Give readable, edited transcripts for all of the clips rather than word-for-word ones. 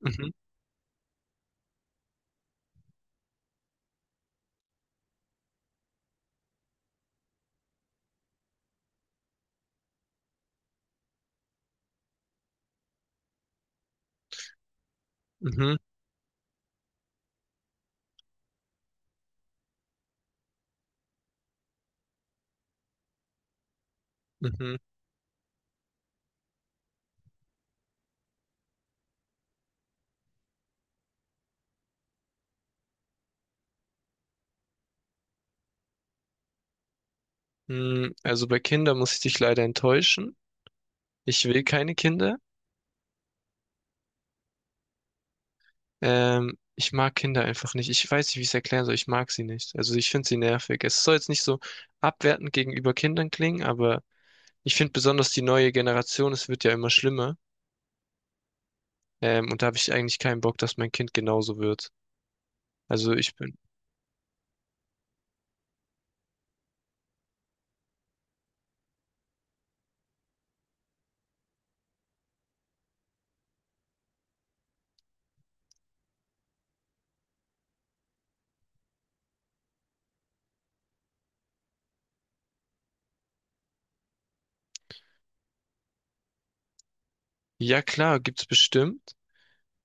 Mhm, mhm, mhm. Also bei Kindern muss ich dich leider enttäuschen. Ich will keine Kinder. Ich mag Kinder einfach nicht. Ich weiß nicht, wie ich es erklären soll. Ich mag sie nicht. Also ich finde sie nervig. Es soll jetzt nicht so abwertend gegenüber Kindern klingen, aber ich finde besonders die neue Generation, es wird ja immer schlimmer. Und da habe ich eigentlich keinen Bock, dass mein Kind genauso wird. Also ich bin. Ja klar, gibt's bestimmt.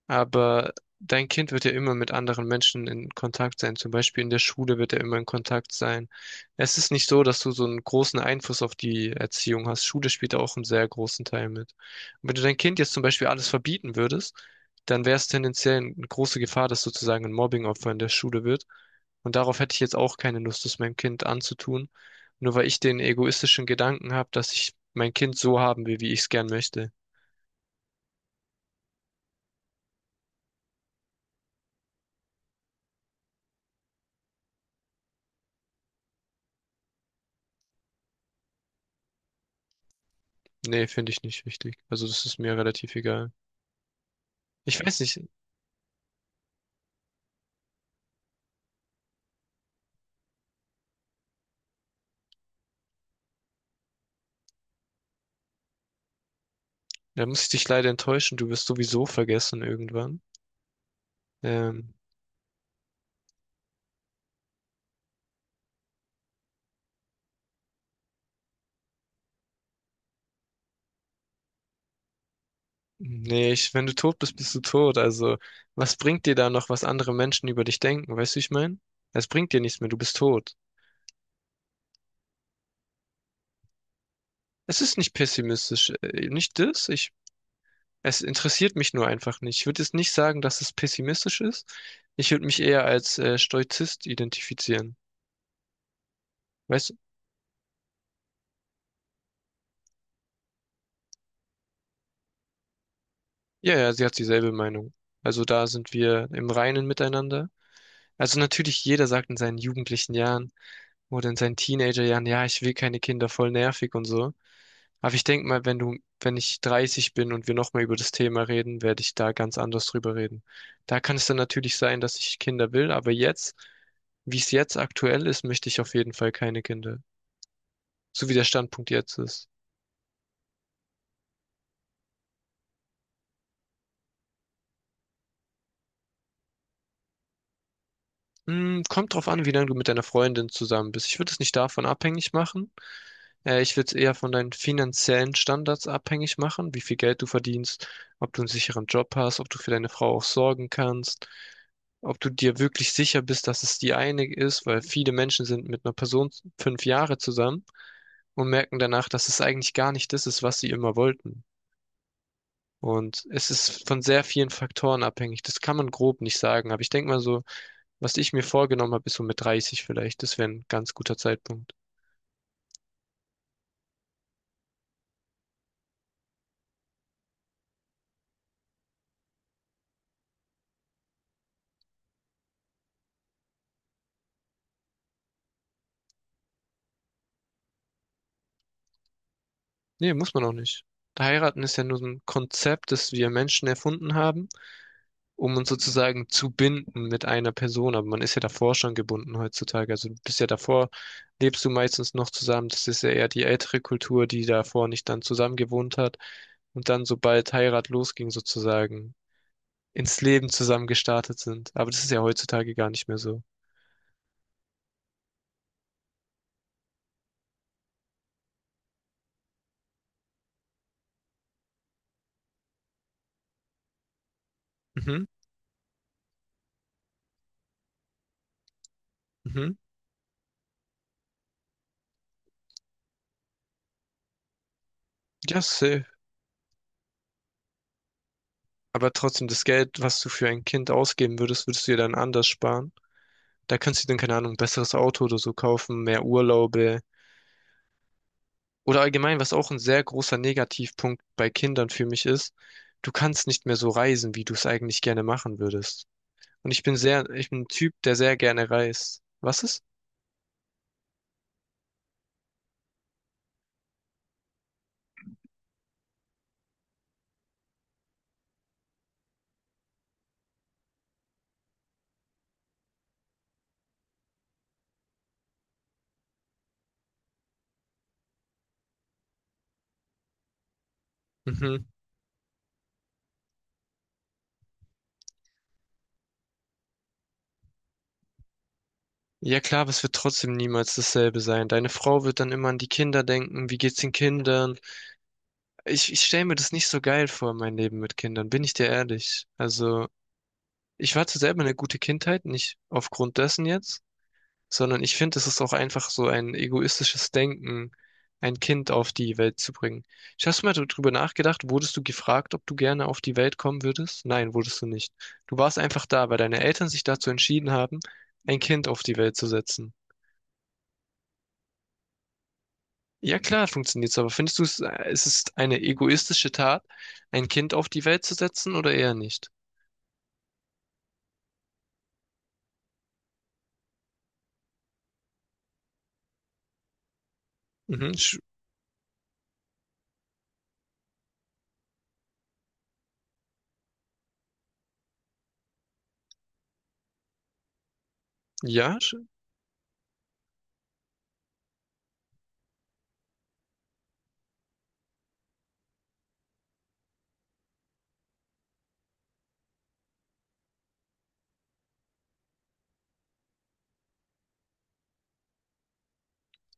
Aber dein Kind wird ja immer mit anderen Menschen in Kontakt sein. Zum Beispiel in der Schule wird er immer in Kontakt sein. Es ist nicht so, dass du so einen großen Einfluss auf die Erziehung hast. Schule spielt da auch einen sehr großen Teil mit. Und wenn du dein Kind jetzt zum Beispiel alles verbieten würdest, dann wäre es tendenziell eine große Gefahr, dass sozusagen ein Mobbingopfer in der Schule wird. Und darauf hätte ich jetzt auch keine Lust, das meinem Kind anzutun. Nur weil ich den egoistischen Gedanken habe, dass ich mein Kind so haben will, wie ich es gern möchte. Nee, finde ich nicht wichtig. Also das ist mir relativ egal. Ich weiß nicht, da muss ich dich leider enttäuschen, du wirst sowieso vergessen irgendwann. Ähm, nee, ich, wenn du tot bist, bist du tot. Also, was bringt dir da noch, was andere Menschen über dich denken? Weißt du, wie ich meine? Es bringt dir nichts mehr, du bist tot. Es ist nicht pessimistisch, nicht das. Ich, es interessiert mich nur einfach nicht. Ich würde jetzt nicht sagen, dass es pessimistisch ist. Ich würde mich eher als Stoizist identifizieren. Weißt du? Ja, ja, sie hat dieselbe Meinung. Also da sind wir im Reinen miteinander. Also natürlich, jeder sagt in seinen jugendlichen Jahren, oder in seinen Teenagerjahren: ja, ja, ich will keine Kinder, voll nervig und so. Aber ich denke mal, wenn ich 30 bin und wir nochmal über das Thema reden, werde ich da ganz anders drüber reden. Da kann es dann natürlich sein, dass ich Kinder will, aber jetzt, wie es jetzt aktuell ist, möchte ich auf jeden Fall keine Kinder. So wie der Standpunkt jetzt ist. Hm, kommt drauf an, wie lange du mit deiner Freundin zusammen bist. Ich würde es nicht davon abhängig machen. Ich würde es eher von deinen finanziellen Standards abhängig machen, wie viel Geld du verdienst, ob du einen sicheren Job hast, ob du für deine Frau auch sorgen kannst, ob du dir wirklich sicher bist, dass es die eine ist, weil viele Menschen sind mit einer Person 5 Jahre zusammen und merken danach, dass es eigentlich gar nicht das ist, was sie immer wollten. Und es ist von sehr vielen Faktoren abhängig. Das kann man grob nicht sagen, aber ich denke mal so, was ich mir vorgenommen habe, ist so mit 30 vielleicht. Das wäre ein ganz guter Zeitpunkt. Nee, muss man auch nicht. Heiraten ist ja nur so ein Konzept, das wir Menschen erfunden haben, um uns sozusagen zu binden mit einer Person. Aber man ist ja davor schon gebunden heutzutage. Also du bist ja davor, lebst du meistens noch zusammen. Das ist ja eher die ältere Kultur, die davor nicht dann zusammen gewohnt hat und dann, sobald Heirat losging, sozusagen ins Leben zusammen gestartet sind. Aber das ist ja heutzutage gar nicht mehr so. Mhm, mhm. Ja, safe. Aber trotzdem, das Geld, was du für ein Kind ausgeben würdest, würdest du dir dann anders sparen. Da kannst du dir dann, keine Ahnung, ein besseres Auto oder so kaufen, mehr Urlaube. Oder allgemein, was auch ein sehr großer Negativpunkt bei Kindern für mich ist, du kannst nicht mehr so reisen, wie du es eigentlich gerne machen würdest. Und ich bin ein Typ, der sehr gerne reist. Was ist? Mhm. Ja klar, aber es wird trotzdem niemals dasselbe sein. Deine Frau wird dann immer an die Kinder denken. Wie geht's den Kindern? Ich stelle mir das nicht so geil vor, mein Leben mit Kindern, bin ich dir ehrlich. Also, ich hatte selber eine gute Kindheit, nicht aufgrund dessen jetzt, sondern ich finde, es ist auch einfach so ein egoistisches Denken, ein Kind auf die Welt zu bringen. Ich hast du mal darüber nachgedacht, wurdest du gefragt, ob du gerne auf die Welt kommen würdest? Nein, wurdest du nicht. Du warst einfach da, weil deine Eltern sich dazu entschieden haben, ein Kind auf die Welt zu setzen. Ja klar, funktioniert's, aber findest du es, es ist eine egoistische Tat, ein Kind auf die Welt zu setzen oder eher nicht? Mhm, sch- ja.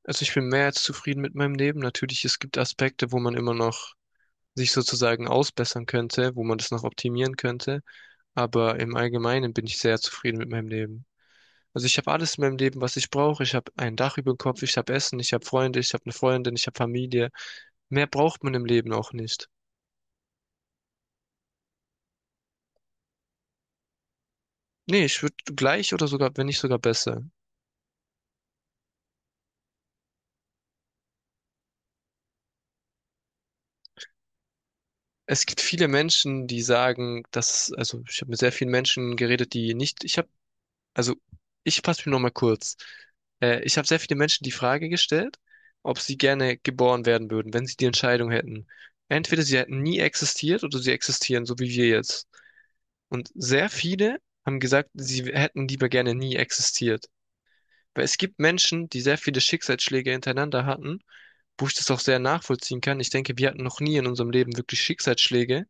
Also ich bin mehr als zufrieden mit meinem Leben. Natürlich, es gibt Aspekte, wo man immer noch sich sozusagen ausbessern könnte, wo man das noch optimieren könnte. Aber im Allgemeinen bin ich sehr zufrieden mit meinem Leben. Also ich habe alles in meinem Leben, was ich brauche. Ich habe ein Dach über dem Kopf, ich habe Essen, ich habe Freunde, ich habe eine Freundin, ich habe Familie. Mehr braucht man im Leben auch nicht. Nee, ich würde gleich oder sogar, wenn nicht sogar besser. Es gibt viele Menschen, die sagen, dass, also ich habe mit sehr vielen Menschen geredet, die nicht, ich habe also ich fasse mich nochmal kurz. Ich habe sehr viele Menschen die Frage gestellt, ob sie gerne geboren werden würden, wenn sie die Entscheidung hätten. Entweder sie hätten nie existiert oder sie existieren, so wie wir jetzt. Und sehr viele haben gesagt, sie hätten lieber gerne nie existiert. Weil es gibt Menschen, die sehr viele Schicksalsschläge hintereinander hatten, wo ich das auch sehr nachvollziehen kann. Ich denke, wir hatten noch nie in unserem Leben wirklich Schicksalsschläge.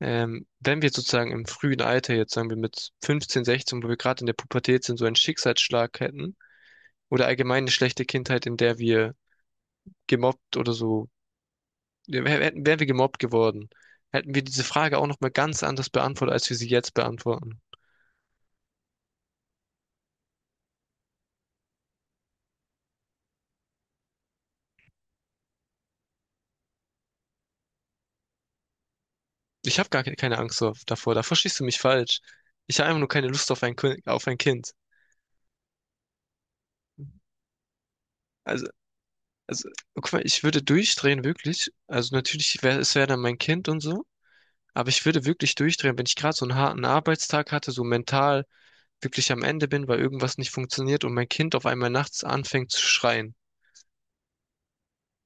Wenn wir sozusagen im frühen Alter, jetzt sagen wir mit 15, 16, wo wir gerade in der Pubertät sind, so einen Schicksalsschlag hätten oder allgemein eine schlechte Kindheit, in der wir gemobbt oder so, ja, wären wir gemobbt geworden, hätten wir diese Frage auch nochmal ganz anders beantwortet, als wir sie jetzt beantworten. Ich habe gar keine Angst davor, da verstehst du mich falsch. Ich habe einfach nur keine Lust auf auf ein Kind. Also, also, guck mal, ich würde durchdrehen, wirklich. Also natürlich, es wäre dann mein Kind und so. Aber ich würde wirklich durchdrehen, wenn ich gerade so einen harten Arbeitstag hatte, so mental wirklich am Ende bin, weil irgendwas nicht funktioniert und mein Kind auf einmal nachts anfängt zu schreien.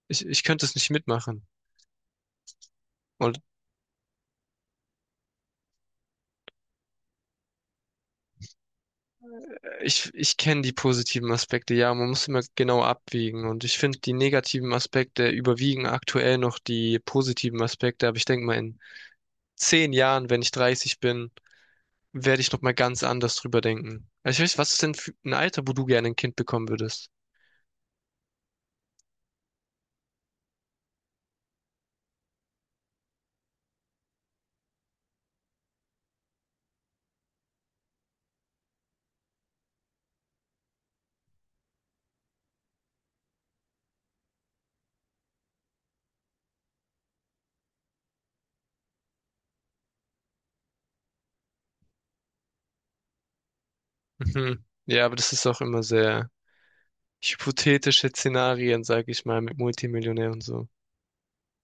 Ich könnte es nicht mitmachen. Und ich kenne die positiven Aspekte, ja, man muss immer genau abwägen. Und ich finde, die negativen Aspekte überwiegen aktuell noch die positiven Aspekte. Aber ich denke mal, in 10 Jahren, wenn ich 30 bin, werde ich nochmal ganz anders drüber denken. Also ich weiß, was ist denn für ein Alter, wo du gerne ein Kind bekommen würdest? Mhm. Ja, aber das ist auch immer sehr hypothetische Szenarien, sag ich mal, mit Multimillionär und so.